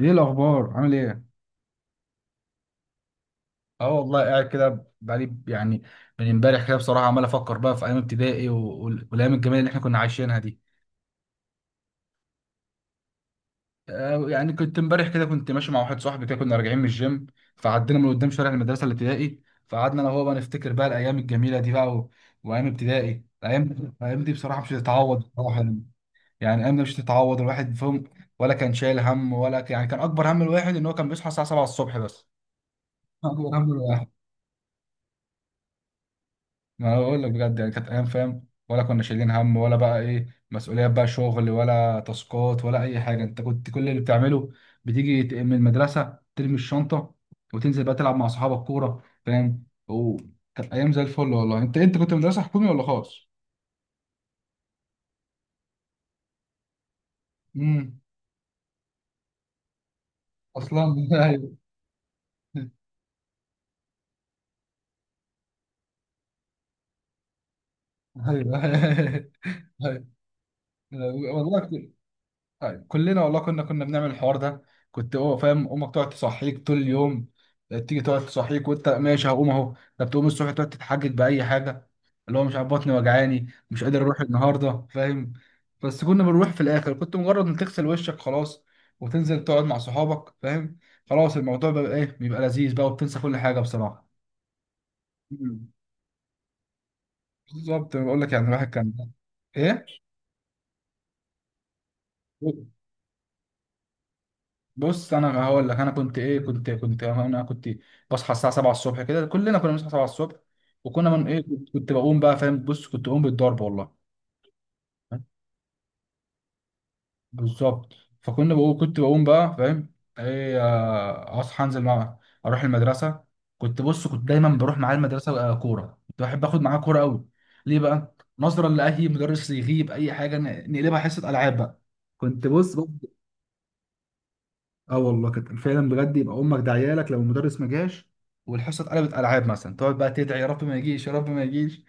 ايه الاخبار، عامل ايه؟ اه والله قاعد كده بقالي يعني. من امبارح كده بصراحه عمال افكر بقى في ايام ابتدائي والايام الجميله اللي احنا كنا عايشينها دي. يعني كنت امبارح كده كنت ماشي مع واحد صاحبي كده كنا راجعين من الجيم. فعدينا من قدام شارع المدرسه الابتدائي. فقعدنا انا وهو بقى نفتكر بقى الايام الجميله دي بقى. وايام ابتدائي، الايام دي بصراحه مش هتتعوض بصراحه يعني. يعني الايام دي مش هتتعوض الواحد فيهم. ولا كان شايل هم، ولا يعني كان اكبر هم الواحد ان هو كان بيصحى الساعه 7 الصبح بس. اكبر هم. ما انا بقول لك بجد يعني كانت ايام، فاهم؟ ولا كنا شايلين هم ولا بقى ايه مسؤوليات بقى، شغل ولا تاسكات ولا اي حاجه. انت كنت كل اللي بتعمله بتيجي من المدرسه ترمي الشنطه، وتنزل بقى تلعب مع اصحابك كوره، فاهم؟ وكانت ايام زي الفل والله. انت كنت مدرسه حكومي ولا خاص؟ امم. اصلا. ايوه. ايوه. أيوة، والله. طيب، كلنا والله كنا بنعمل الحوار ده. كنت، هو فاهم، امك تقعد تصحيك طول اليوم، تيجي تقعد تصحيك وانت ماشي هقوم اهو. طب تقوم الصبح تقعد تتحجج باي حاجه، اللي هو مش عارف بطني وجعاني مش قادر اروح النهارده، فاهم؟ بس كنا بنروح في الاخر. كنت مجرد ان تغسل وشك خلاص، وتنزل تقعد مع صحابك، فاهم؟ خلاص، الموضوع بقى ايه، بيبقى لذيذ بقى وبتنسى كل حاجه بصراحه. مم. بالظبط، بقول لك يعني الواحد كان ايه. بص، انا هقول لك انا كنت ايه، كنت انا كنت بصحى الساعه 7 الصبح، كده كلنا كنا بنصحى 7 الصبح. وكنا من ايه، كنت بقوم بقى، فاهم؟ بص، كنت بقوم بالضرب والله. بالظبط. فكنا بقوم، كنت بقوم بقى، فاهم؟ ايه، اصحى انزل معاه، اروح المدرسه. كنت بص، كنت دايما بروح معاه المدرسه. كوره، كنت بحب اخد معاه كوره قوي. ليه بقى؟ نظرا لاي مدرس يغيب اي حاجه، نقلبها حصه العاب بقى. كنت بص. اه والله كانت فعلا بجد، يبقى امك داعيه لك لو المدرس ما جاش والحصه اتقلبت العاب. مثلا تقعد بقى تدعي: يا رب ما يجيش، يا رب ما يجيش.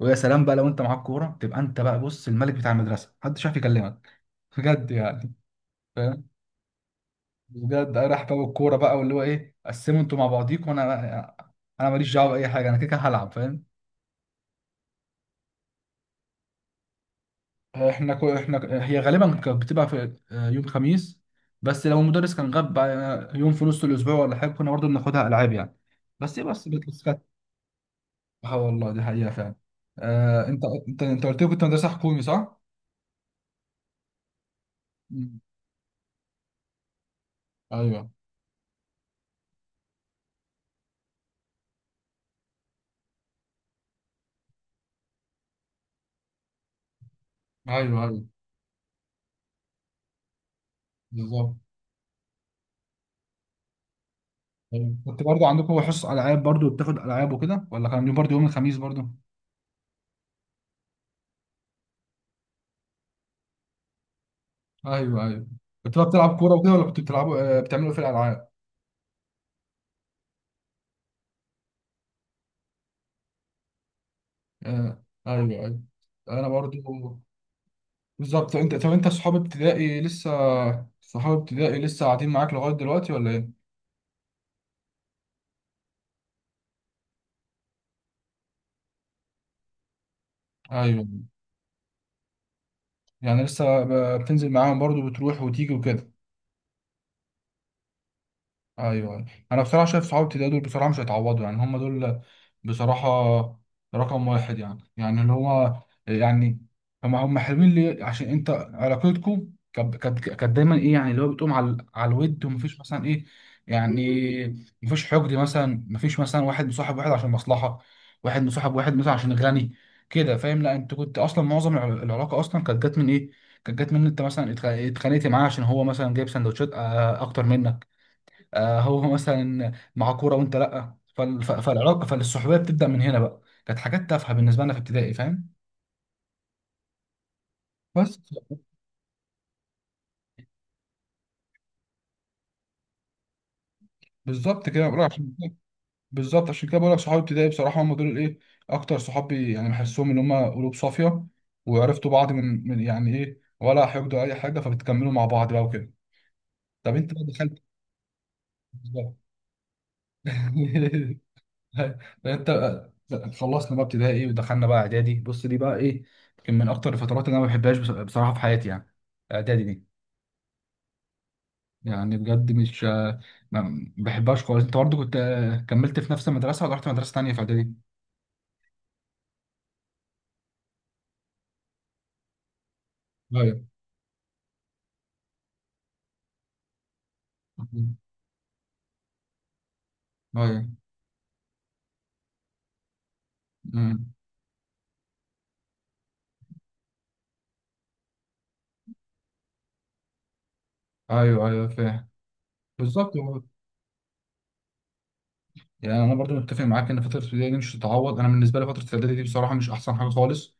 ويا سلام بقى لو انت معاك كوره، تبقى انت بقى بص الملك بتاع المدرسه، محدش عارف يكلمك، بجد يعني. فاهم؟ بجد راح بقى بالكوره بقى واللي هو ايه، قسموا انتوا مع بعضيكم وانا، انا ماليش دعوه باي حاجه، انا كده كده هلعب، فاهم؟ احنا هي غالبا كانت بتبقى في يوم خميس. بس لو المدرس كان غاب بقى، يوم في نص الاسبوع ولا حاجه، كنا برضه بناخدها العاب يعني. بس بس بس. اه والله دي حقيقة فعلا. انت، انت قلت لي كنت مدرسة حكومي، صح؟ مم. ايوه، ايوه، ايوه. بالظبط. ايوه، كنت برضو عندكم حصص العاب؟ برضو بتاخد العاب وكده، ولا كان يوم برضو يوم الخميس برضو؟ ايوه، ايوه. كنت بقى بتلعب كورة وكده، ولا كنت بتلعبوا بتعملوا إيه في الالعاب؟ آه، ايوه، ايوه. انا برضو. بالظبط. انت طب، انت صحاب ابتدائي لسه، صحاب ابتدائي لسه قاعدين معاك لغاية دلوقتي ولا ايه؟ ايوه، يعني لسه بتنزل معاهم برضو، بتروح وتيجي وكده. ايوه، أيوة. انا بصراحه شايف صحاب ابتدائي دول بصراحه مش هيتعوضوا يعني، هم دول بصراحه رقم واحد يعني، يعني اللي هو يعني، هم حلوين ليه؟ عشان انت علاقتكم كانت دايما ايه يعني، اللي هو بتقوم على الود ومفيش مثلا ايه، يعني مفيش حقد مثلا، مفيش مثلا واحد مصاحب واحد عشان مصلحه، واحد مصاحب واحد مثلا عشان غني، كده، فاهم؟ لا، انت كنت اصلا معظم العلاقه اصلا كانت جت من ايه، كانت جت من إن انت مثلا اتخانقت معاه عشان هو مثلا جايب سندوتشات اكتر منك. هو مثلا مع كوره وانت لا، فالعلاقه فالصحوبيه بتبدا من هنا بقى، كانت حاجات تافهه بالنسبه لنا في ابتدائي، فاهم؟ بس. بالظبط كده بقول لك عشان، بالظبط عشان كده بقول لك صحابي ابتدائي بصراحه هم دول الايه، اكتر صحابي يعني، بحسهم ان هم قلوب صافيه، وعرفتوا بعض من يعني ايه، ولا حقدوا اي حاجه، فبتكملوا مع بعض بقى وكده. طب انت بقى دخلت. بالظبط. لا، انت. لا، خلصنا بقى ابتدائي ايه، ودخلنا بقى اعدادي. بص، دي بقى ايه، يمكن من اكتر الفترات اللي انا ما بحبهاش بصراحه في حياتي يعني، اعدادي دي، يعني بجد مش ما بحبهاش خالص. انت برضه كنت كملت في نفس المدرسه ولا رحت مدرسه تانيه في اعدادي؟ ايوه، ايوه. امم. ايوه، ايوه، فاهم. بالظبط. يعني انا برضو متفق معاك ان فتره الابتدائي دي مش تتعوض. انا بالنسبه لي فتره الاعدادي دي بصراحه مش احسن حاجه خالص.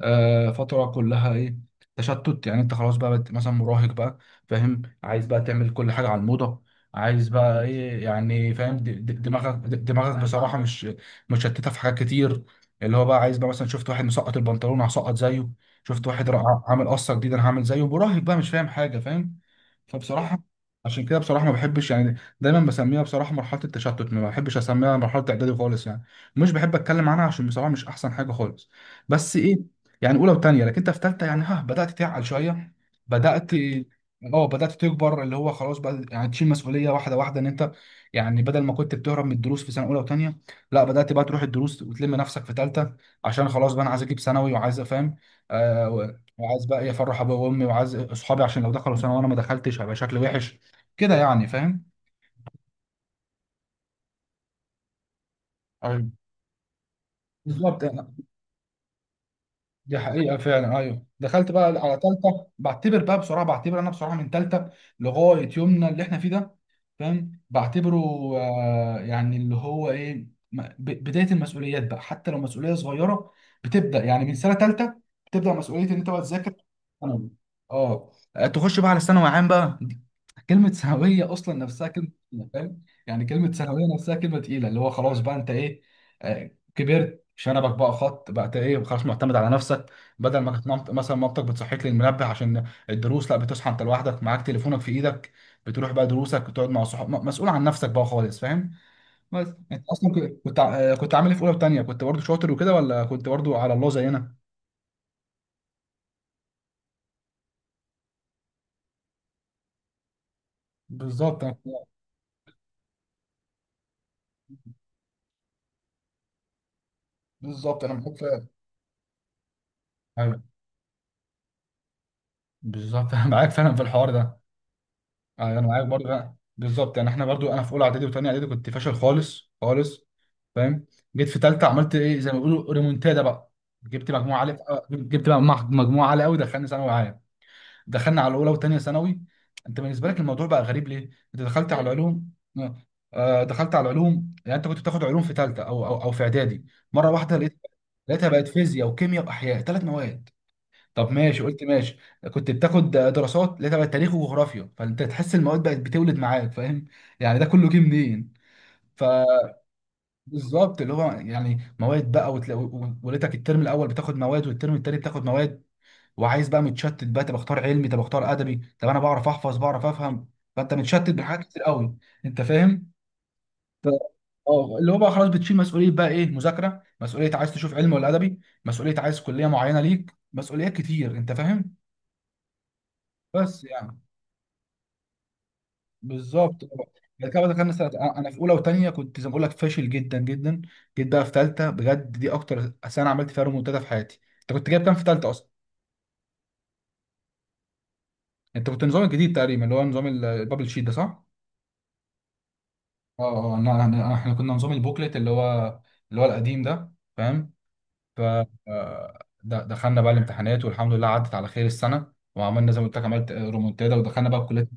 فترة كلها ايه، تشتت يعني. انت خلاص بقى مثلا مراهق بقى، فاهم؟ عايز بقى تعمل كل حاجة على الموضة، عايز بقى ايه يعني، فاهم؟ دماغك بصراحة مش مشتتة في حاجات كتير، اللي هو بقى عايز بقى مثلا شفت واحد مسقط البنطلون هسقط زيه، شفت واحد رائع عامل قصة جديدة انا هعمل زيه، مراهق بقى مش فاهم حاجة، فاهم؟ فبصراحة عشان كده بصراحة ما بحبش، يعني دايما بسميها بصراحة مرحلة التشتت، ما بحبش اسميها مرحلة اعدادي خالص يعني. مش بحب اتكلم عنها عشان بصراحة مش احسن حاجة خالص. بس ايه، يعني اولى وثانيه، لكن انت في ثالثه يعني، ها بدات تعقل شويه، بدات. اه بدات تكبر، اللي هو خلاص بقى يعني تشيل مسؤوليه واحده واحده، ان انت يعني بدل ما كنت بتهرب من الدروس في سنه اولى وثانيه، لا، بدات بقى تروح الدروس وتلم نفسك في ثالثه، عشان خلاص بقى انا عايز اجيب ثانوي وعايز افهم، آه و- وعايز بقى إيه افرح ابويا وامي، وعايز اصحابي عشان لو دخلوا ثانوي وانا ما دخلتش هيبقى شكلي وحش كده يعني، فاهم؟ أيوة. بالظبط يعني. دي حقيقة فعلا. أيوه دخلت بقى على تالتة، بعتبر بقى بصراحة، بعتبر أنا بصراحة من تالتة لغاية يومنا اللي إحنا فيه ده، فاهم، بعتبره آه يعني اللي هو إيه، بداية المسؤوليات بقى، حتى لو مسؤولية صغيرة بتبدأ يعني من سنة تالتة. بتبدأ مسؤولية إن أنت بقى تذاكر ثانوي. أه، تخش بقى على ثانوي عام بقى. كلمة سهوية أصلا نفسها كلمة تقيلة، فاهم؟ يعني كلمة سهوية نفسها كلمة تقيلة، اللي هو خلاص بقى أنت إيه، كبرت شنبك بقى خط بقى، أنت إيه خلاص معتمد على نفسك. بدل ما كانت مثلا مامتك بتصحيك للمنبه عشان الدروس، لا، بتصحى أنت لوحدك، معاك تليفونك في إيدك، بتروح بقى دروسك، بتقعد مع صحابك، مسؤول عن نفسك بقى خالص، فاهم؟ بس أنت أصلا كنت كنت عامل إيه في أولى وتانية؟ كنت برضه شاطر وكده ولا كنت برضه على الله زينا؟ بالظبط أنا بالظبط أنا معاك فعلا، أيوه. بالظبط. أنا معاك فعلا في الحوار ده. انا معاك برضو. بالظبط يعني احنا برضو، انا في اولى اعدادي وثانيه اعدادي كنت فاشل خالص خالص، فاهم. جيت في ثالثه، عملت ايه زي ما بيقولوا ريمونتادا بقى. جبت مجموعه عاليه، جبت بقى مجموعه عاليه قوي دخلني ثانوي عام. دخلنا على اولى وثانيه ثانوي. انت بالنسبه لك الموضوع بقى غريب ليه، انت دخلت على العلوم. آه، دخلت على العلوم يعني، انت كنت بتاخد علوم في ثالثه او في اعدادي؟ مره واحده لقيت، لقيتها بقت فيزياء وكيمياء واحياء، ثلاث مواد. طب ماشي، قلت ماشي. كنت بتاخد دراسات اللي هي تبع التاريخ وجغرافيا، فانت تحس المواد بقت بتولد معاك، فاهم؟ يعني ده كله جه منين؟ ف بالظبط، اللي هو يعني مواد بقى وتلاقي، وليتك الترم الاول بتاخد مواد والترم التاني بتاخد مواد، وعايز بقى متشتت بقى، طب اختار علمي، طب اختار ادبي، طب انا بعرف احفظ بعرف افهم. فانت متشتت بحاجات كتير قوي، انت فاهم؟ ف- اه، اللي هو بقى خلاص بتشيل مسؤوليه بقى ايه، مذاكره، مسؤوليه عايز تشوف علم ولا ادبي، مسؤوليه عايز كليه معينه ليك، مسؤوليات كتير، انت فاهم؟ بس يعني، بالظبط. بعد كده دخلنا سنه. انا في اولى وثانيه كنت زي ما بقول لك فاشل جدا جدا. جيت بقى في ثالثه، بجد دي اكتر سنه عملت فيها ريمونتادا في حياتي. انت كنت جايب كام في ثالثه اصلا؟ انت كنت نظام الجديد تقريبا، اللي هو نظام البابل شيت ده، صح؟ اه. اه، احنا كنا نظام البوكلت، اللي هو اللي هو القديم ده، فاهم؟ ف دخلنا بقى الامتحانات والحمد لله عدت على خير السنه، وعملنا زي ما قلت لك عملت ريمونتادا، ودخلنا بقى الكليه.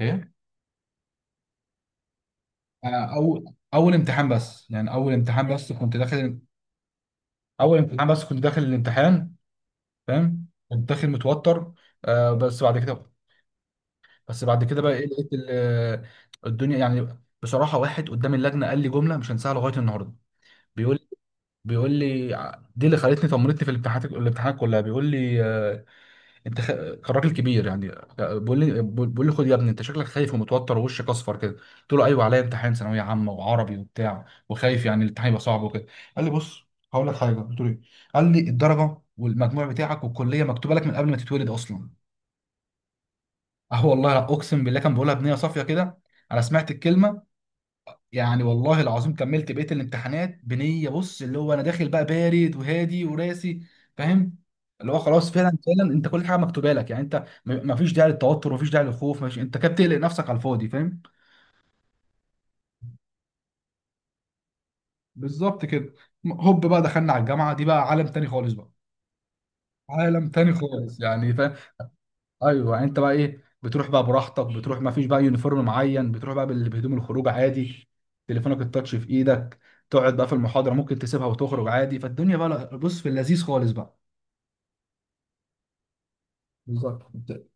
ايه. آه، او اول امتحان بس يعني، اول امتحان بس كنت داخل، اول امتحان بس كنت داخل الامتحان، فاهم؟ كنت داخل متوتر. بس بعد كده، بس بعد كده بقى ايه لقيت الدنيا يعني. بصراحه، واحد قدام اللجنه قال لي جمله مش هنساها لغايه النهارده. بيقول، بيقول لي دي اللي خلتني طمنتني في الامتحانات، الامتحانات كلها، بيقول لي انت خ... الراجل كبير يعني، بيقول لي: خد يا ابني، انت شكلك خايف ومتوتر ووشك اصفر كده. قلت له: ايوه، عليا امتحان ثانويه عامه وعربي وبتاع، وخايف يعني الامتحان يبقى صعب وكده. قال لي: بص، هقول لك حاجه. قلت له: ايه؟ قال لي: الدرجه والمجموع بتاعك والكليه مكتوبه لك من قبل ما تتولد اصلا. اه والله اقسم بالله، كان بيقولها بنيه صافيه كده. انا سمعت الكلمه يعني، والله العظيم كملت بقية الامتحانات بنية، بص، اللي هو انا داخل بقى بارد وهادي وراسي، فاهم؟ اللي هو خلاص، فعلا فعلا، انت كل حاجة مكتوبة لك يعني، انت مفيش داعي للتوتر، مفيش داعي للخوف، مفيش. انت كده بتقلق نفسك على الفاضي، فاهم؟ بالظبط كده. هوب بقى دخلنا على الجامعة، دي بقى عالم تاني خالص بقى، عالم تاني خالص يعني، فاهم؟ ايوه، يعني انت بقى ايه، بتروح بقى براحتك، بتروح ما فيش بقى يونيفورم معين، بتروح بقى بهدوم الخروج عادي، تليفونك التاتش في ايدك، تقعد بقى في المحاضره ممكن تسيبها وتخرج عادي، فالدنيا بقى بص في اللذيذ خالص بقى. بالظبط. انت-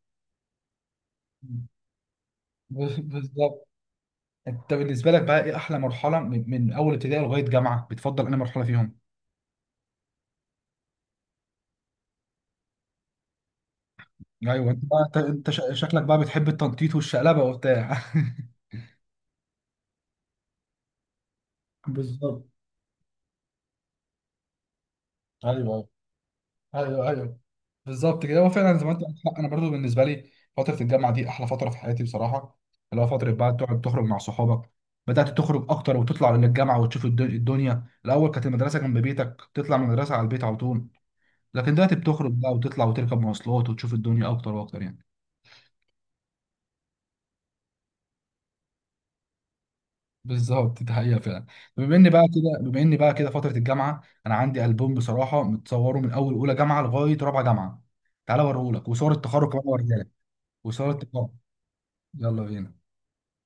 بز- بالظبط، انت بالنسبه لك بقى ايه احلى مرحله من اول ابتدائي لغايه جامعه، بتفضل انهي مرحله فيهم؟ ايوه، انت بقى شكلك بقى بتحب التنطيط والشقلبه وبتاع. بالظبط. ايوه، ايوه، ايوه. بالظبط كده، هو فعلا زي ما انت عندك حق، انا برضو بالنسبه لي فتره الجامعه دي احلى فتره في حياتي بصراحه. اللي هو فتره بقى تقعد تخرج مع صحابك، بدات تخرج اكتر وتطلع للجامعه وتشوف الدنيا. الاول كانت المدرسه جنب بيتك، تطلع من المدرسه على البيت على طول، لكن دلوقتي بتخرج بقى وتطلع وتركب مواصلات وتشوف الدنيا اكتر واكتر يعني. بالظبط، دي حقيقه فعلا. بما ان بقى كده فتره الجامعه، انا عندي البوم بصراحه متصوره من اول اولى جامعه لغايه رابعه جامعه. تعالى اوريهولك، وصور التخرج كمان اوريها لك، وصور التخرج. يلا بينا.